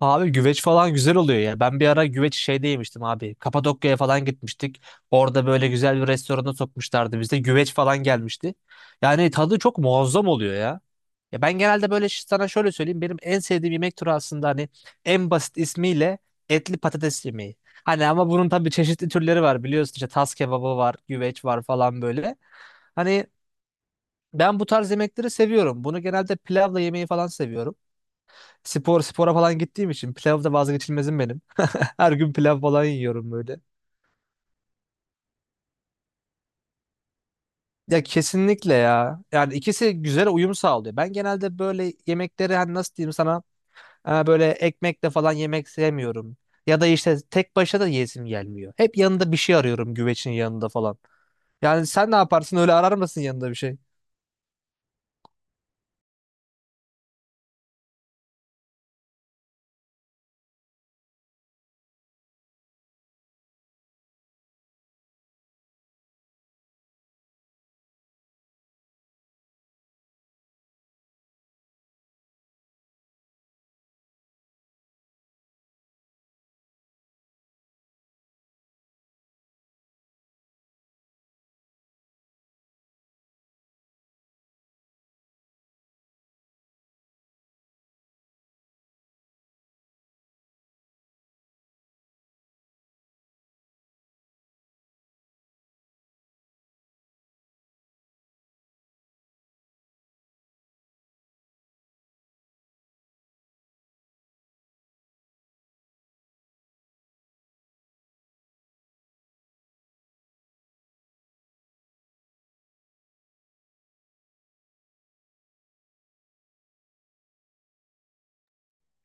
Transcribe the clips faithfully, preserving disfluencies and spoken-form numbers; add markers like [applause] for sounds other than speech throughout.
Abi güveç falan güzel oluyor ya. Ben bir ara güveç şeyde yemiştim abi. Kapadokya'ya falan gitmiştik. Orada böyle güzel bir restorana sokmuşlardı bizde. Güveç falan gelmişti. Yani tadı çok muazzam oluyor ya. Ya ben genelde böyle ş- sana şöyle söyleyeyim. Benim en sevdiğim yemek türü aslında hani en basit ismiyle etli patates yemeği. Hani ama bunun tabii çeşitli türleri var biliyorsun işte tas kebabı var, güveç var falan böyle. Hani ben bu tarz yemekleri seviyorum. Bunu genelde pilavla yemeyi falan seviyorum. Spor spora falan gittiğim için pilav da vazgeçilmezim benim. [laughs] Her gün pilav falan yiyorum böyle. Ya kesinlikle ya. Yani ikisi güzel uyum sağlıyor. Ben genelde böyle yemekleri hani nasıl diyeyim sana e, böyle ekmekle falan yemek sevmiyorum. Ya da işte tek başına da yesim gelmiyor. Hep yanında bir şey arıyorum güvecin yanında falan. Yani sen ne yaparsın öyle arar mısın yanında bir şey?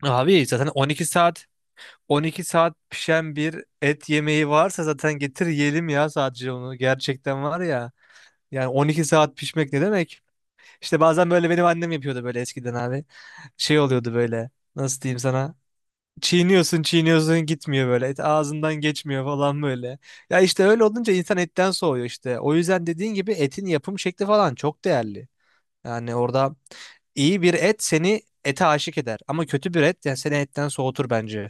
Abi zaten 12 saat 12 saat pişen bir et yemeği varsa zaten getir yiyelim ya sadece onu. Gerçekten var ya. Yani on iki saat pişmek ne demek? İşte bazen böyle benim annem yapıyordu böyle eskiden abi. Şey oluyordu böyle. Nasıl diyeyim sana? Çiğniyorsun, çiğniyorsun gitmiyor böyle. Et ağzından geçmiyor falan böyle. Ya işte öyle olunca insan etten soğuyor işte. O yüzden dediğin gibi etin yapım şekli falan çok değerli. Yani orada iyi bir et seni ete aşık eder. Ama kötü bir et yani seni etten soğutur bence.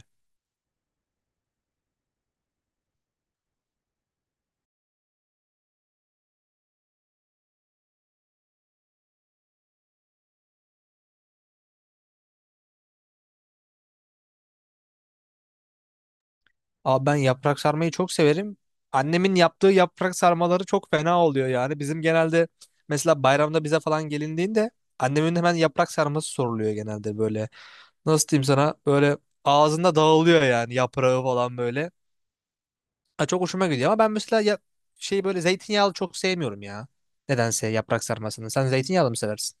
Abi ben yaprak sarmayı çok severim. Annemin yaptığı yaprak sarmaları çok fena oluyor yani. Bizim genelde mesela bayramda bize falan gelindiğinde annemin hemen yaprak sarması soruluyor genelde böyle. Nasıl diyeyim sana böyle ağzında dağılıyor yani yaprağı falan böyle. Ha, çok hoşuma gidiyor ama ben mesela ya, şey böyle zeytinyağlı çok sevmiyorum ya. Nedense yaprak sarmasını. Sen zeytinyağlı mı seversin?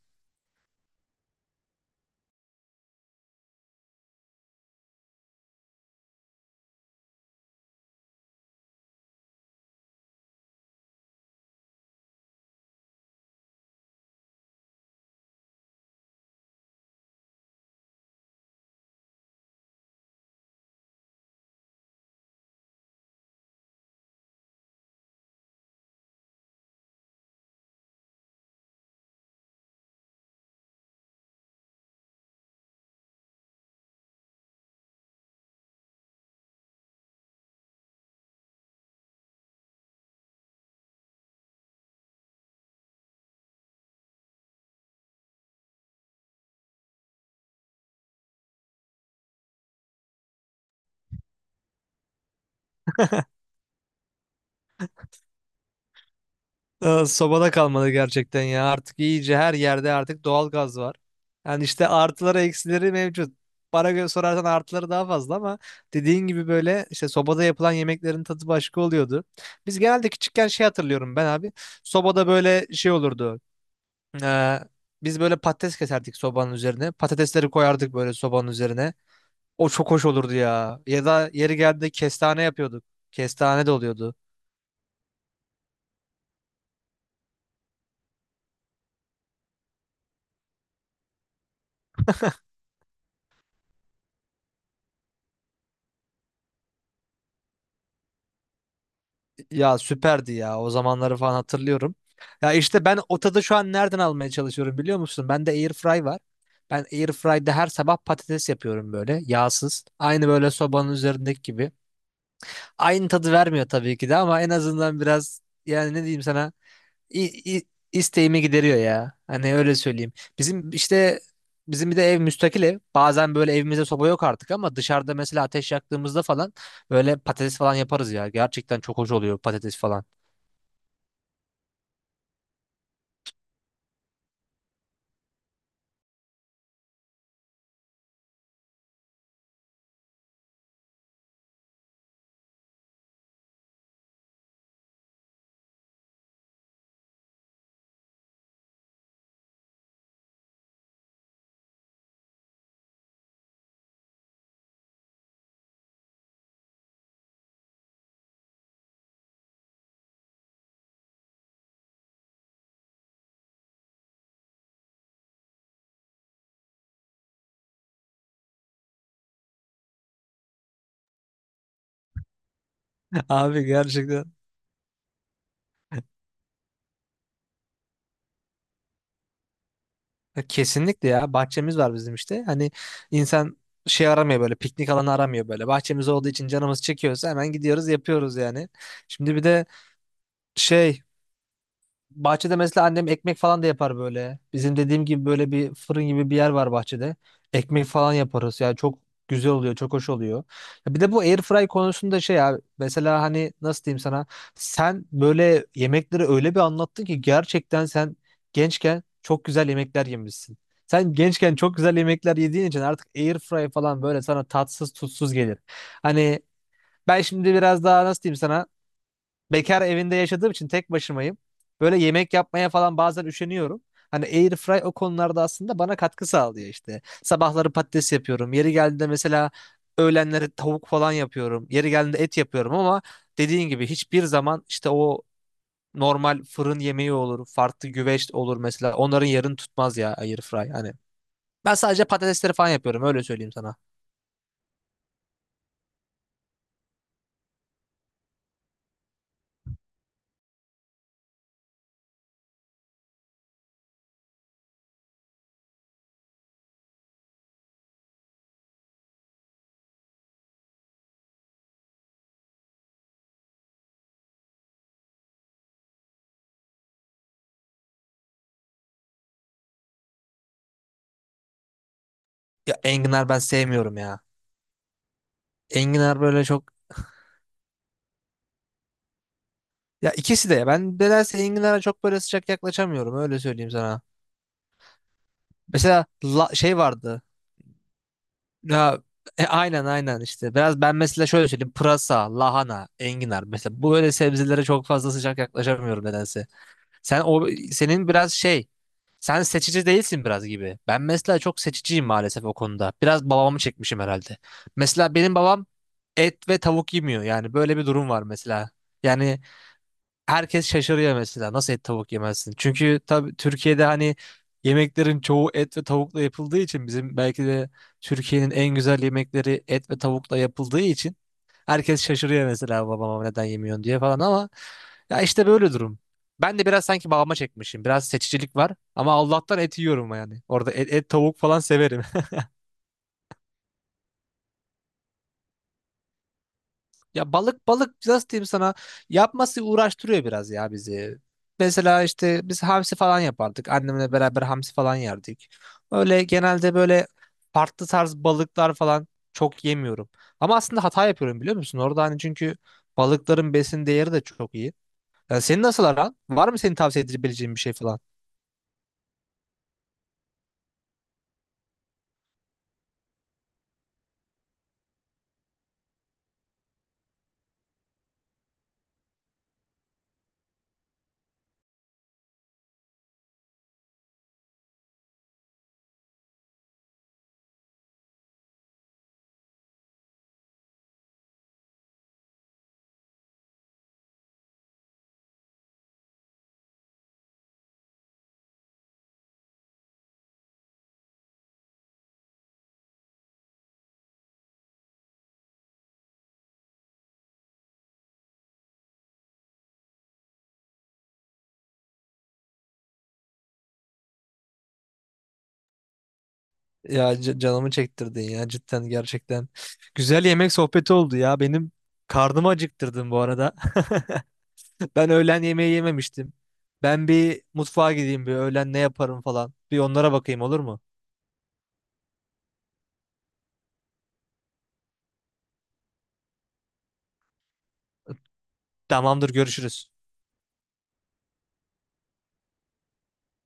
Aa, sobada kalmadı gerçekten ya. Artık iyice her yerde artık doğal gaz var. Yani işte artıları eksileri mevcut. Para göre sorarsan artıları daha fazla ama dediğin gibi böyle işte sobada yapılan yemeklerin tadı başka oluyordu. Biz genelde küçükken şey hatırlıyorum ben abi. Sobada böyle şey olurdu. Ee, biz böyle patates keserdik sobanın üzerine. Patatesleri koyardık böyle sobanın üzerine. O çok hoş olurdu ya. Ya da yeri geldiğinde kestane yapıyorduk. Kestane de oluyordu. Ya süperdi ya. O zamanları falan hatırlıyorum. Ya işte ben o tadı şu an nereden almaya çalışıyorum biliyor musun? Bende airfry var. Ben airfry'de her sabah patates yapıyorum böyle yağsız. Aynı böyle sobanın üzerindeki gibi. Aynı tadı vermiyor tabii ki de ama en azından biraz yani ne diyeyim sana i- i- isteğimi gideriyor ya. Hani öyle söyleyeyim. Bizim işte bizim bir de ev müstakil ev. Bazen böyle evimizde soba yok artık ama dışarıda mesela ateş yaktığımızda falan böyle patates falan yaparız ya. Gerçekten çok hoş oluyor patates falan. Abi gerçekten. Ya kesinlikle ya bahçemiz var bizim işte. Hani insan şey aramıyor böyle piknik alanı aramıyor böyle. Bahçemiz olduğu için canımız çekiyorsa hemen gidiyoruz yapıyoruz yani. Şimdi bir de şey, bahçede mesela annem ekmek falan da yapar böyle. Bizim dediğim gibi böyle bir fırın gibi bir yer var bahçede. Ekmek falan yaparız. Yani çok güzel oluyor, çok hoş oluyor. Ya bir de bu airfry konusunda şey abi. Mesela hani nasıl diyeyim sana? Sen böyle yemekleri öyle bir anlattın ki gerçekten sen gençken çok güzel yemekler yemişsin. Sen gençken çok güzel yemekler yediğin için artık airfry falan böyle sana tatsız tutsuz gelir. Hani ben şimdi biraz daha nasıl diyeyim sana? Bekar evinde yaşadığım için tek başımayım. Böyle yemek yapmaya falan bazen üşeniyorum. Hani airfry o konularda aslında bana katkı sağlıyor işte. Sabahları patates yapıyorum. Yeri geldiğinde mesela öğlenleri tavuk falan yapıyorum. Yeri geldiğinde et yapıyorum ama dediğin gibi hiçbir zaman işte o normal fırın yemeği olur, farklı güveç olur mesela. Onların yerini tutmaz ya airfry hani. Ben sadece patatesleri falan yapıyorum öyle söyleyeyim sana. Ya enginar ben sevmiyorum ya. Enginar böyle çok. Ya ikisi de. Ben nedense enginara çok böyle sıcak yaklaşamıyorum. Öyle söyleyeyim sana. Mesela la- şey vardı. Ya, e, aynen aynen işte. Biraz ben mesela şöyle söyleyeyim. Pırasa, lahana, enginar. Mesela bu böyle sebzelere çok fazla sıcak yaklaşamıyorum nedense. Sen o senin biraz şey. Sen seçici değilsin biraz gibi. Ben mesela çok seçiciyim maalesef o konuda. Biraz babamı çekmişim herhalde. Mesela benim babam et ve tavuk yemiyor. Yani böyle bir durum var mesela. Yani herkes şaşırıyor mesela nasıl et tavuk yemezsin? Çünkü tabii Türkiye'de hani yemeklerin çoğu et ve tavukla yapıldığı için bizim belki de Türkiye'nin en güzel yemekleri et ve tavukla yapıldığı için herkes şaşırıyor mesela babama neden yemiyorsun diye falan ama ya işte böyle durum. Ben de biraz sanki babama çekmişim. Biraz seçicilik var ama Allah'tan et yiyorum yani. Orada et, et tavuk falan severim. Ya balık balık nasıl diyeyim sana yapması uğraştırıyor biraz ya bizi. Mesela işte biz hamsi falan yapardık. Annemle beraber hamsi falan yerdik. Öyle genelde böyle farklı tarz balıklar falan çok yemiyorum. Ama aslında hata yapıyorum biliyor musun? Orada hani çünkü balıkların besin değeri de çok iyi. Ya senin nasıl aran? Var mı senin tavsiye edebileceğin bir şey falan? Ya c- canımı çektirdin ya cidden gerçekten. Güzel yemek sohbeti oldu ya. Benim karnımı acıktırdın bu arada. [laughs] Ben öğlen yemeği yememiştim. Ben bir mutfağa gideyim bir öğlen ne yaparım falan. Bir onlara bakayım olur mu? Tamamdır görüşürüz.